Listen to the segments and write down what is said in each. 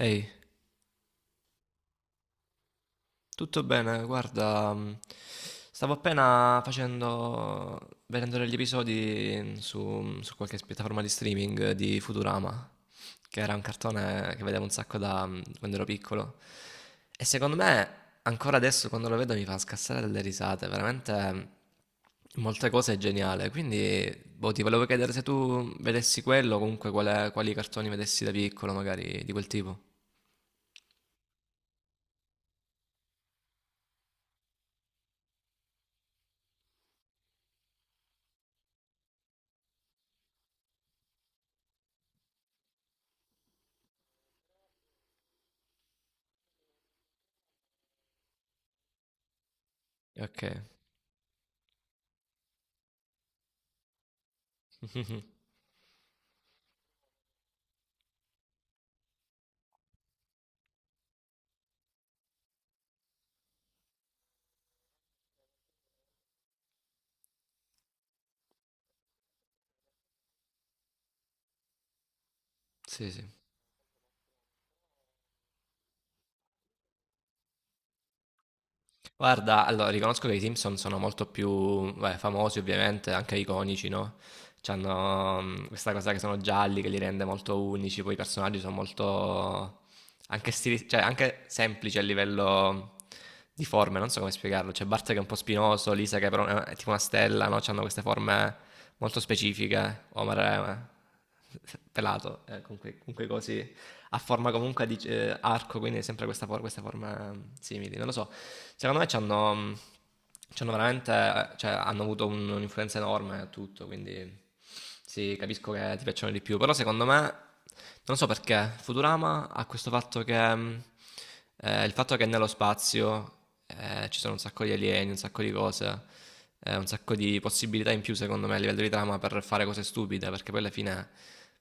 Ehi, tutto bene? Guarda, stavo appena vedendo degli episodi su qualche piattaforma di streaming di Futurama, che era un cartone che vedevo un sacco da quando ero piccolo. E secondo me, ancora adesso quando lo vedo mi fa scassare dalle risate, veramente molte cose è geniale. Quindi, boh, ti volevo chiedere se tu vedessi quello, comunque quali cartoni vedessi da piccolo, magari di quel tipo. Ok. Sì, sì. Guarda, allora riconosco che i Simpson sono molto più beh, famosi, ovviamente, anche iconici, no? C'hanno questa cosa che sono gialli che li rende molto unici, poi i personaggi sono molto anche, cioè, anche semplici a livello di forme, non so come spiegarlo. C'è Bart che è un po' spinoso, Lisa che però è tipo una stella, no? C'hanno queste forme molto specifiche, Homer è pelato, con quei cosi a forma comunque di arco, quindi sempre questa, questa forma simile. Non lo so, secondo me ci hanno veramente, cioè, hanno avuto un'influenza enorme a tutto, quindi sì, capisco che ti piacciono di più, però secondo me, non so perché, Futurama ha questo fatto che il fatto che nello spazio, ci sono un sacco di alieni, un sacco di cose, un sacco di possibilità in più secondo me a livello di trama per fare cose stupide, perché poi alla fine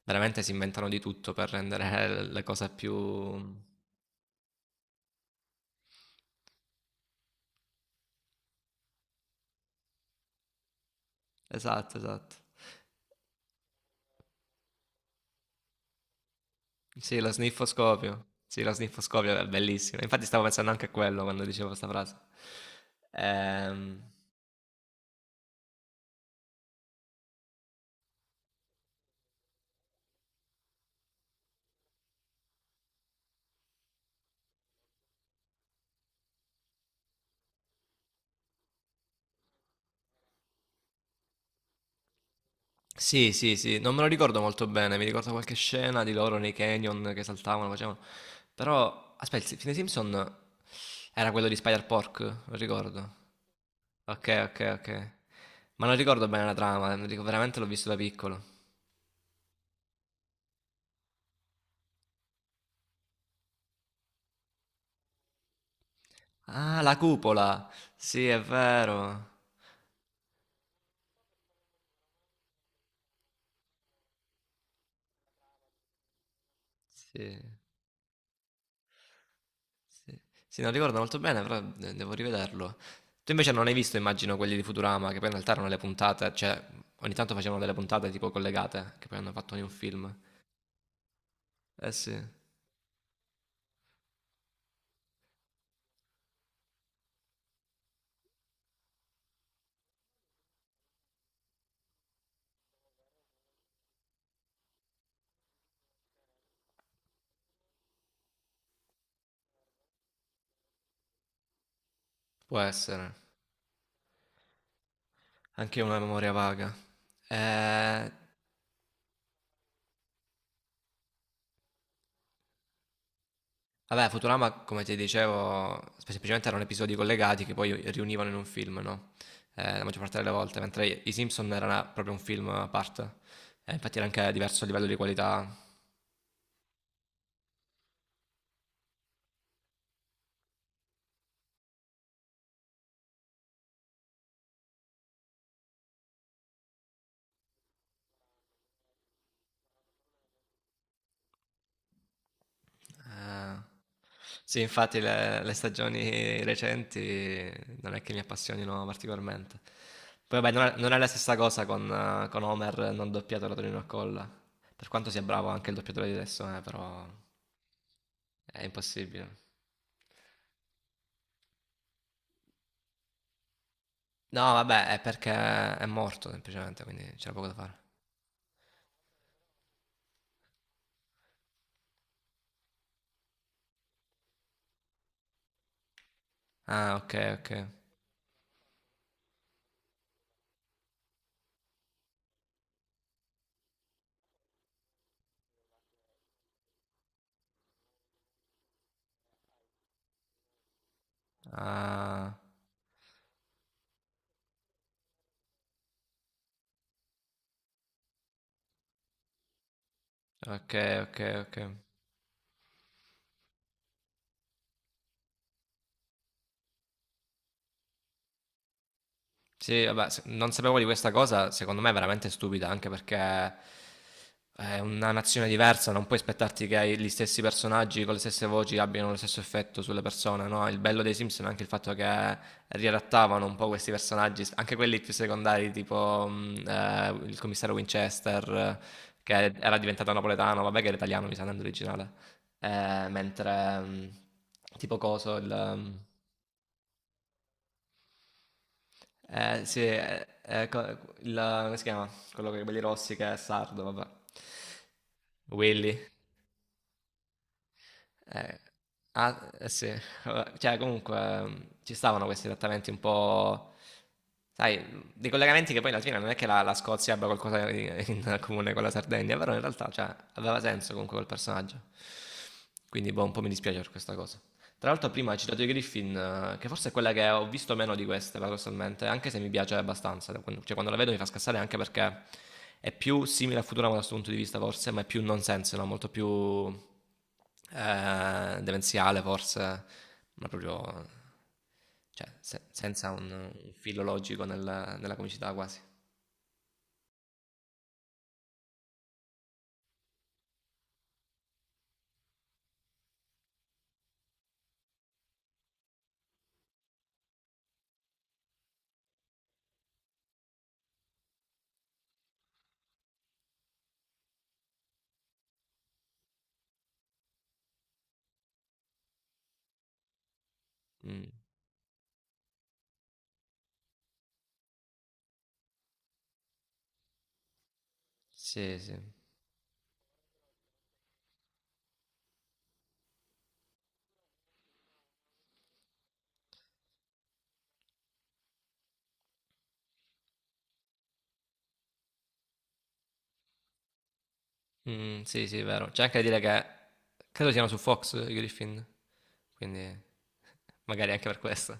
veramente si inventano di tutto per rendere le cose più esatto, esatto. Sì, lo sniffoscopio. Sì, lo sniffoscopio è bellissimo. Infatti stavo pensando anche a quello quando dicevo 'sta frase. Ehm Sì, sì, sì, non me lo ricordo molto bene, mi ricordo qualche scena di loro nei canyon che saltavano, facevano. Però, aspetta, il fine Simpson era quello di Spider-Pork, lo ricordo. Ok, ok, ok. Ma non ricordo bene la trama, non dico- veramente l'ho visto da piccolo. Ah, la cupola! Sì, è vero. Sì, sì. Sì, non ricordo molto bene, però devo rivederlo. Tu invece non hai visto, immagino, quelli di Futurama, che poi in realtà erano le puntate, cioè ogni tanto facevano delle puntate tipo collegate, che poi hanno fatto ogni un film. Eh sì, può essere. Anche io ho una memoria vaga. Eh, Vabbè, Futurama, come ti dicevo, semplicemente erano episodi collegati che poi riunivano in un film, no? La maggior parte delle volte, mentre i Simpson era proprio un film a parte. Infatti era anche diverso a livello di qualità. Ah. Sì, infatti le stagioni recenti non è che mi appassionino particolarmente. Poi vabbè, non è, non è la stessa cosa con Homer non doppiato da Tonino Accolla. Per quanto sia bravo anche il doppiatore di adesso, però è impossibile. No, vabbè, è perché è morto semplicemente, quindi c'era poco da fare. Ah, ok, ok. Ah, ok, ok, ok. Sì, vabbè, non sapevo di questa cosa, secondo me è veramente stupida, anche perché è una nazione diversa, non puoi aspettarti che gli stessi personaggi con le stesse voci abbiano lo stesso effetto sulle persone, no? Il bello dei Simpson è anche il fatto che riadattavano un po' questi personaggi, anche quelli più secondari, tipo il commissario Winchester, che era diventato napoletano, vabbè che era italiano, mi sa, non è originale. Mentre tipo coso, il... mm, sì, il, come si chiama? Quello con i capelli rossi che è sardo, vabbè. Willy. Eh, ah, eh sì, vabbè. Cioè comunque ci stavano questi trattamenti un po'... Sai, dei collegamenti che poi alla fine non è che la, la Scozia abbia qualcosa in, in comune con la Sardegna, però in realtà, cioè, aveva senso comunque quel personaggio. Quindi boh, un po' mi dispiace per questa cosa. Tra l'altro prima hai citato i Griffin, che forse è quella che ho visto meno di queste, paradossalmente, anche se mi piace abbastanza. Cioè quando la vedo mi fa scassare anche perché è più simile a Futurama da questo punto di vista forse, ma è più nonsense, no? Molto più demenziale forse, ma proprio cioè, senza un, un filo logico nella comicità quasi. Mm, sì, sì. Mm, sì, sì, è vero. C'è anche da dire che credo siano su Fox i Griffin, quindi magari anche per questo.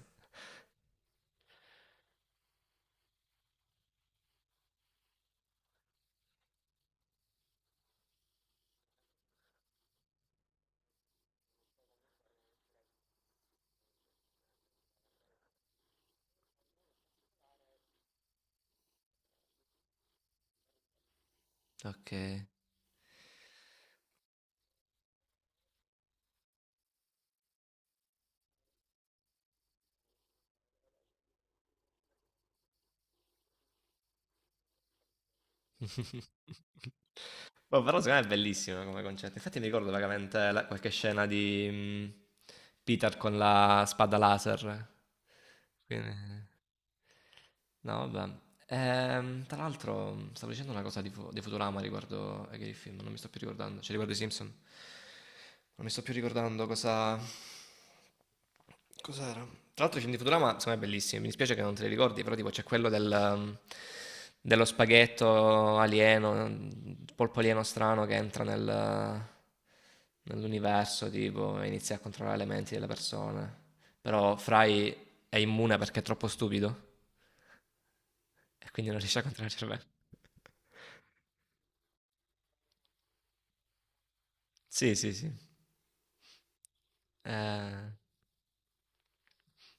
Ok. Boh, però secondo me è bellissimo come concetto. Infatti mi ricordo vagamente qualche scena di Peter con la spada laser. Quindi... No, vabbè. Tra l'altro, stavo dicendo una cosa di, di Futurama riguardo a che film, non mi sto più ricordando, cioè riguardo i Simpson. Non mi sto più ricordando cosa... Cos'era? Tra l'altro i film di Futurama sono bellissimi, mi dispiace che non te li ricordi, però tipo c'è quello del, dello spaghetto alieno, polpo alieno strano che entra nel, nell'universo tipo, e inizia a controllare le menti delle persone. Però Fry è immune perché è troppo stupido. E quindi non riesce a controllare il cervello. Sì, sì, sì. Eh,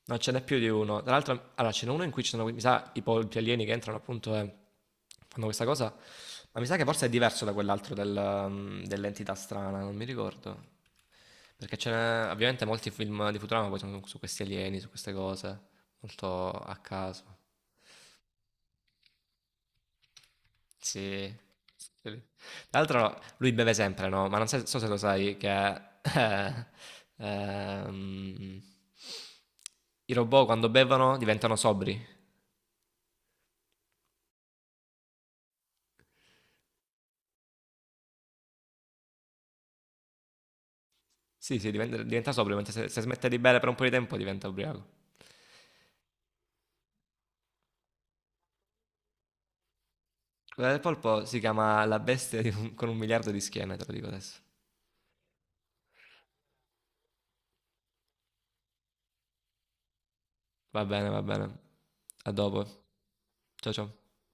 no, ce n'è più di uno. Tra l'altro, allora, ce n'è uno in cui ci sono, mi sa, i polpi alieni che entrano appunto e fanno questa cosa. Ma mi sa che forse è diverso da quell'altro del, dell'entità strana, non mi ricordo. Perché ce n'è, ovviamente molti film di Futurama poi sono su questi alieni, su queste cose, molto a caso. Sì. Sì. Tra l'altro lui beve sempre, no, ma non se so se lo sai che, eh, ehm, i robot quando bevono diventano sobri. Sì, sì, diventa sobrio, mentre se se smette di bere per un po' di tempo diventa ubriaco. Quella del polpo si chiama La bestia di un con 1 miliardo di schiene, te lo dico adesso. Va bene, va bene. A dopo. Ciao, ciao.